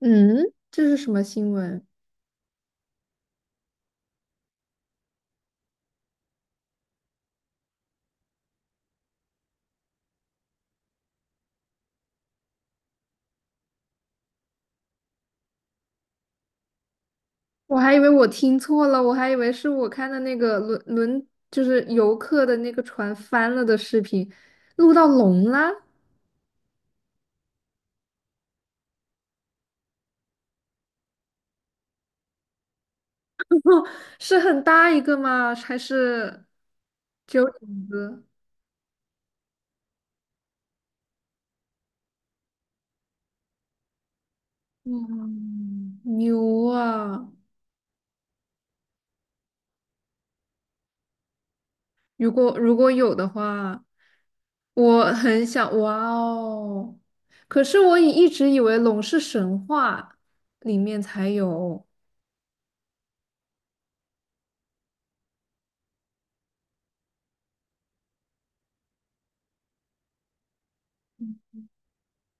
嗯，这是什么新闻？我还以为我听错了，我还以为是我看的那个轮，就是游客的那个船翻了的视频，录到龙啦，哦，是很大一个吗？还是只有影子？嗯，牛啊！如果有的话，我很想，哇哦！可是我一直以为龙是神话里面才有。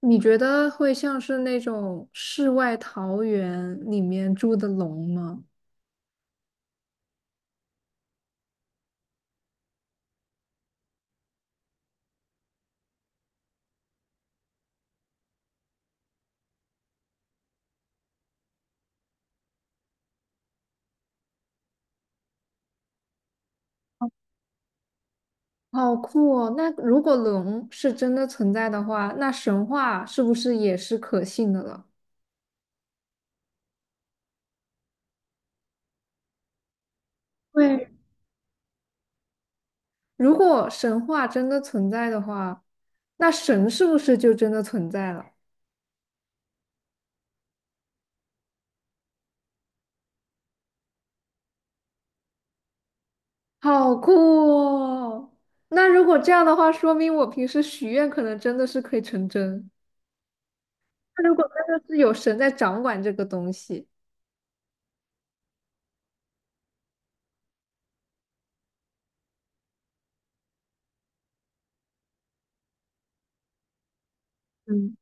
你觉得会像是那种世外桃源里面住的龙吗？好酷哦！那如果龙是真的存在的话，那神话是不是也是可信的了？对，如果神话真的存在的话，那神是不是就真的存在了？好酷哦！那如果这样的话，说明我平时许愿可能真的是可以成真。那如果真的是有神在掌管这个东西。嗯。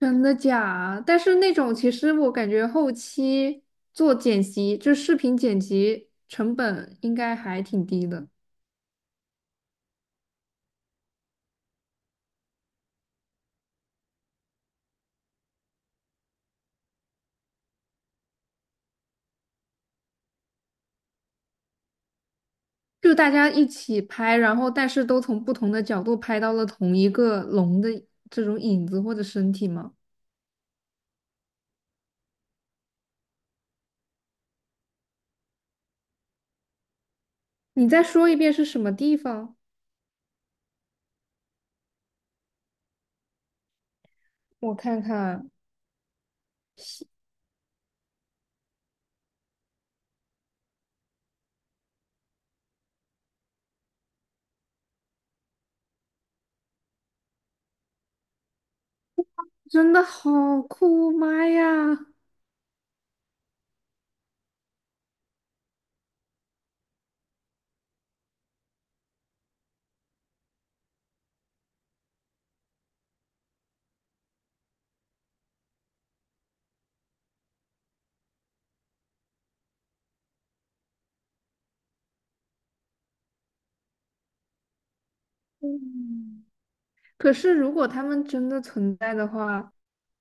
真的假？但是那种其实我感觉后期做剪辑，就视频剪辑成本应该还挺低的，就大家一起拍，然后但是都从不同的角度拍到了同一个龙的这种影子或者身体吗？你再说一遍是什么地方？我看看，真的好酷，妈呀！嗯，可是如果他们真的存在的话，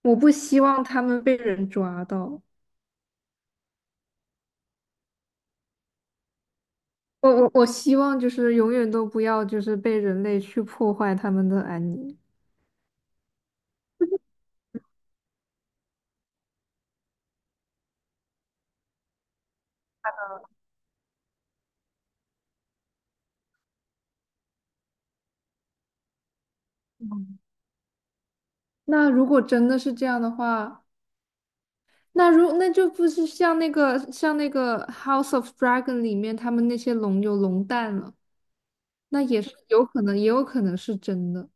我不希望他们被人抓到。我希望就是永远都不要就是被人类去破坏他们的安宁。嗯，那如果真的是这样的话，那就不是像那个《House of Dragon》里面他们那些龙有龙蛋了，那也是有可能，也有可能是真的。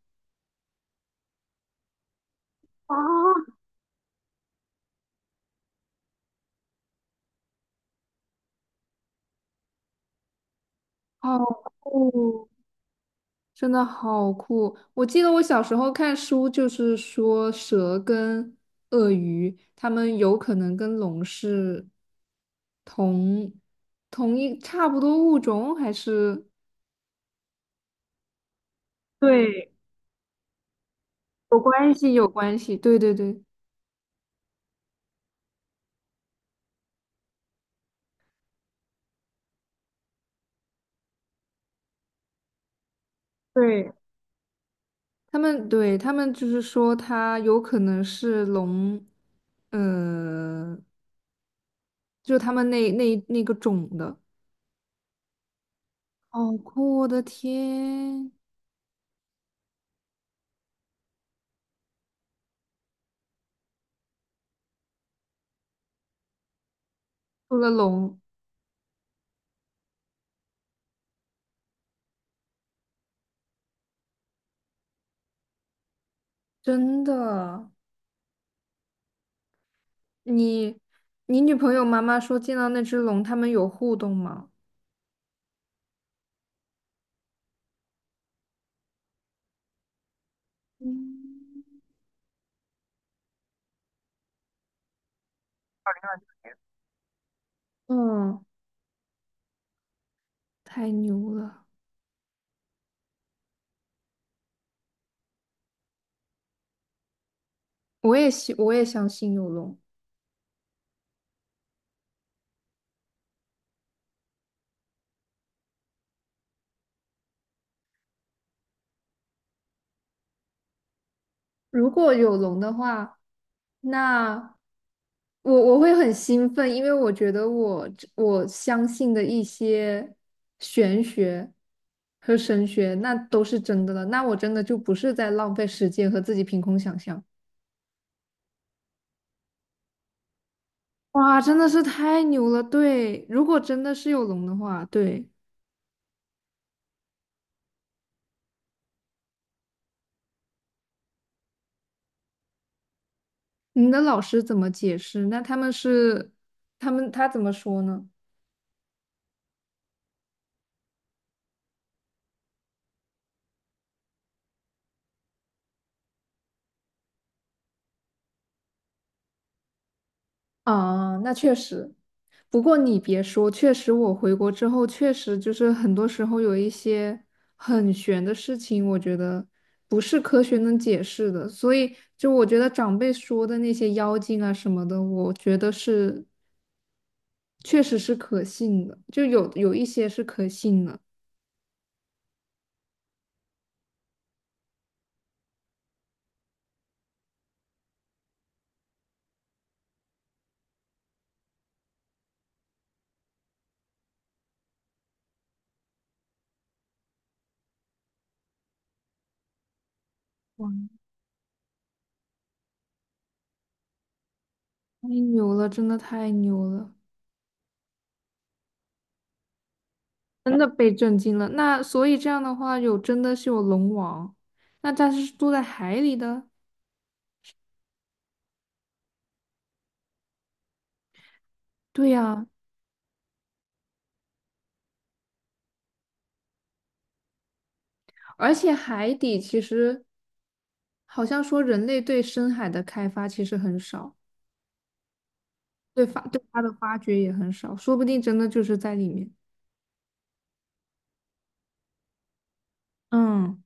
啊，好酷，真的好酷！我记得我小时候看书，就是说蛇跟鳄鱼，它们有可能跟龙是同同一差不多物种，还是对有关系？有关系，对对对，对，他们对他们就是说它有可能是龙，呃，就他们那个种的，好酷！我的天，除了龙，真的。你你女朋友妈妈说见到那只龙，他们有互动吗？嗯，嗯，太牛了！我也信，我也相信有龙。如果有龙的话，那我会很兴奋，因为我觉得我相信的一些玄学和神学，那都是真的了。那我真的就不是在浪费时间和自己凭空想象。哇，真的是太牛了！对，如果真的是有龙的话，对。你的老师怎么解释？那他们是，他怎么说呢？啊，那确实。不过你别说，确实我回国之后，确实就是很多时候有一些很玄的事情，我觉得不是科学能解释的。所以就我觉得长辈说的那些妖精啊什么的，我觉得是确实是可信的，就有一些是可信的。哇，太牛了，真的太牛了。真的被震惊了。那所以这样的话，真的是有龙王，那它是住在海里的。对呀，而且海底其实好像说人类对深海的开发其实很少，对它的发掘也很少，说不定真的就是在里面。嗯，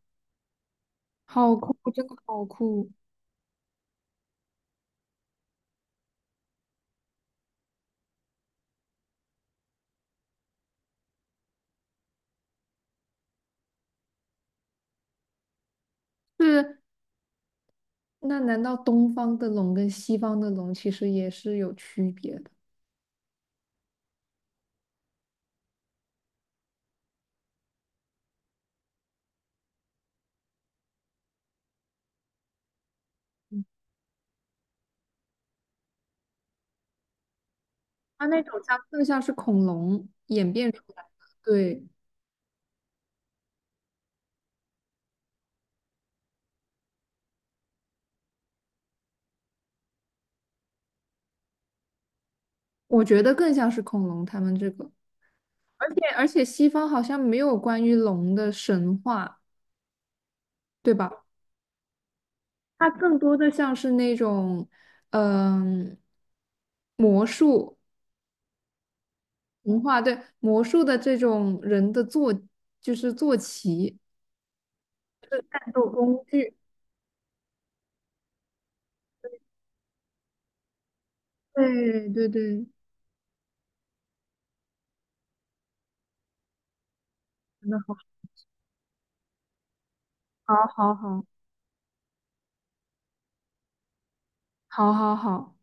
好酷，真的好酷。是，那难道东方的龙跟西方的龙其实也是有区别的？它那种更像是恐龙演变出来的，对。我觉得更像是恐龙他们这个，而且西方好像没有关于龙的神话，对吧？它更多的像是那种，嗯、魔术文化，对，魔术的这种人的坐，就是坐骑，战斗工具，对对对，真的好，好，好，好，好，好，好。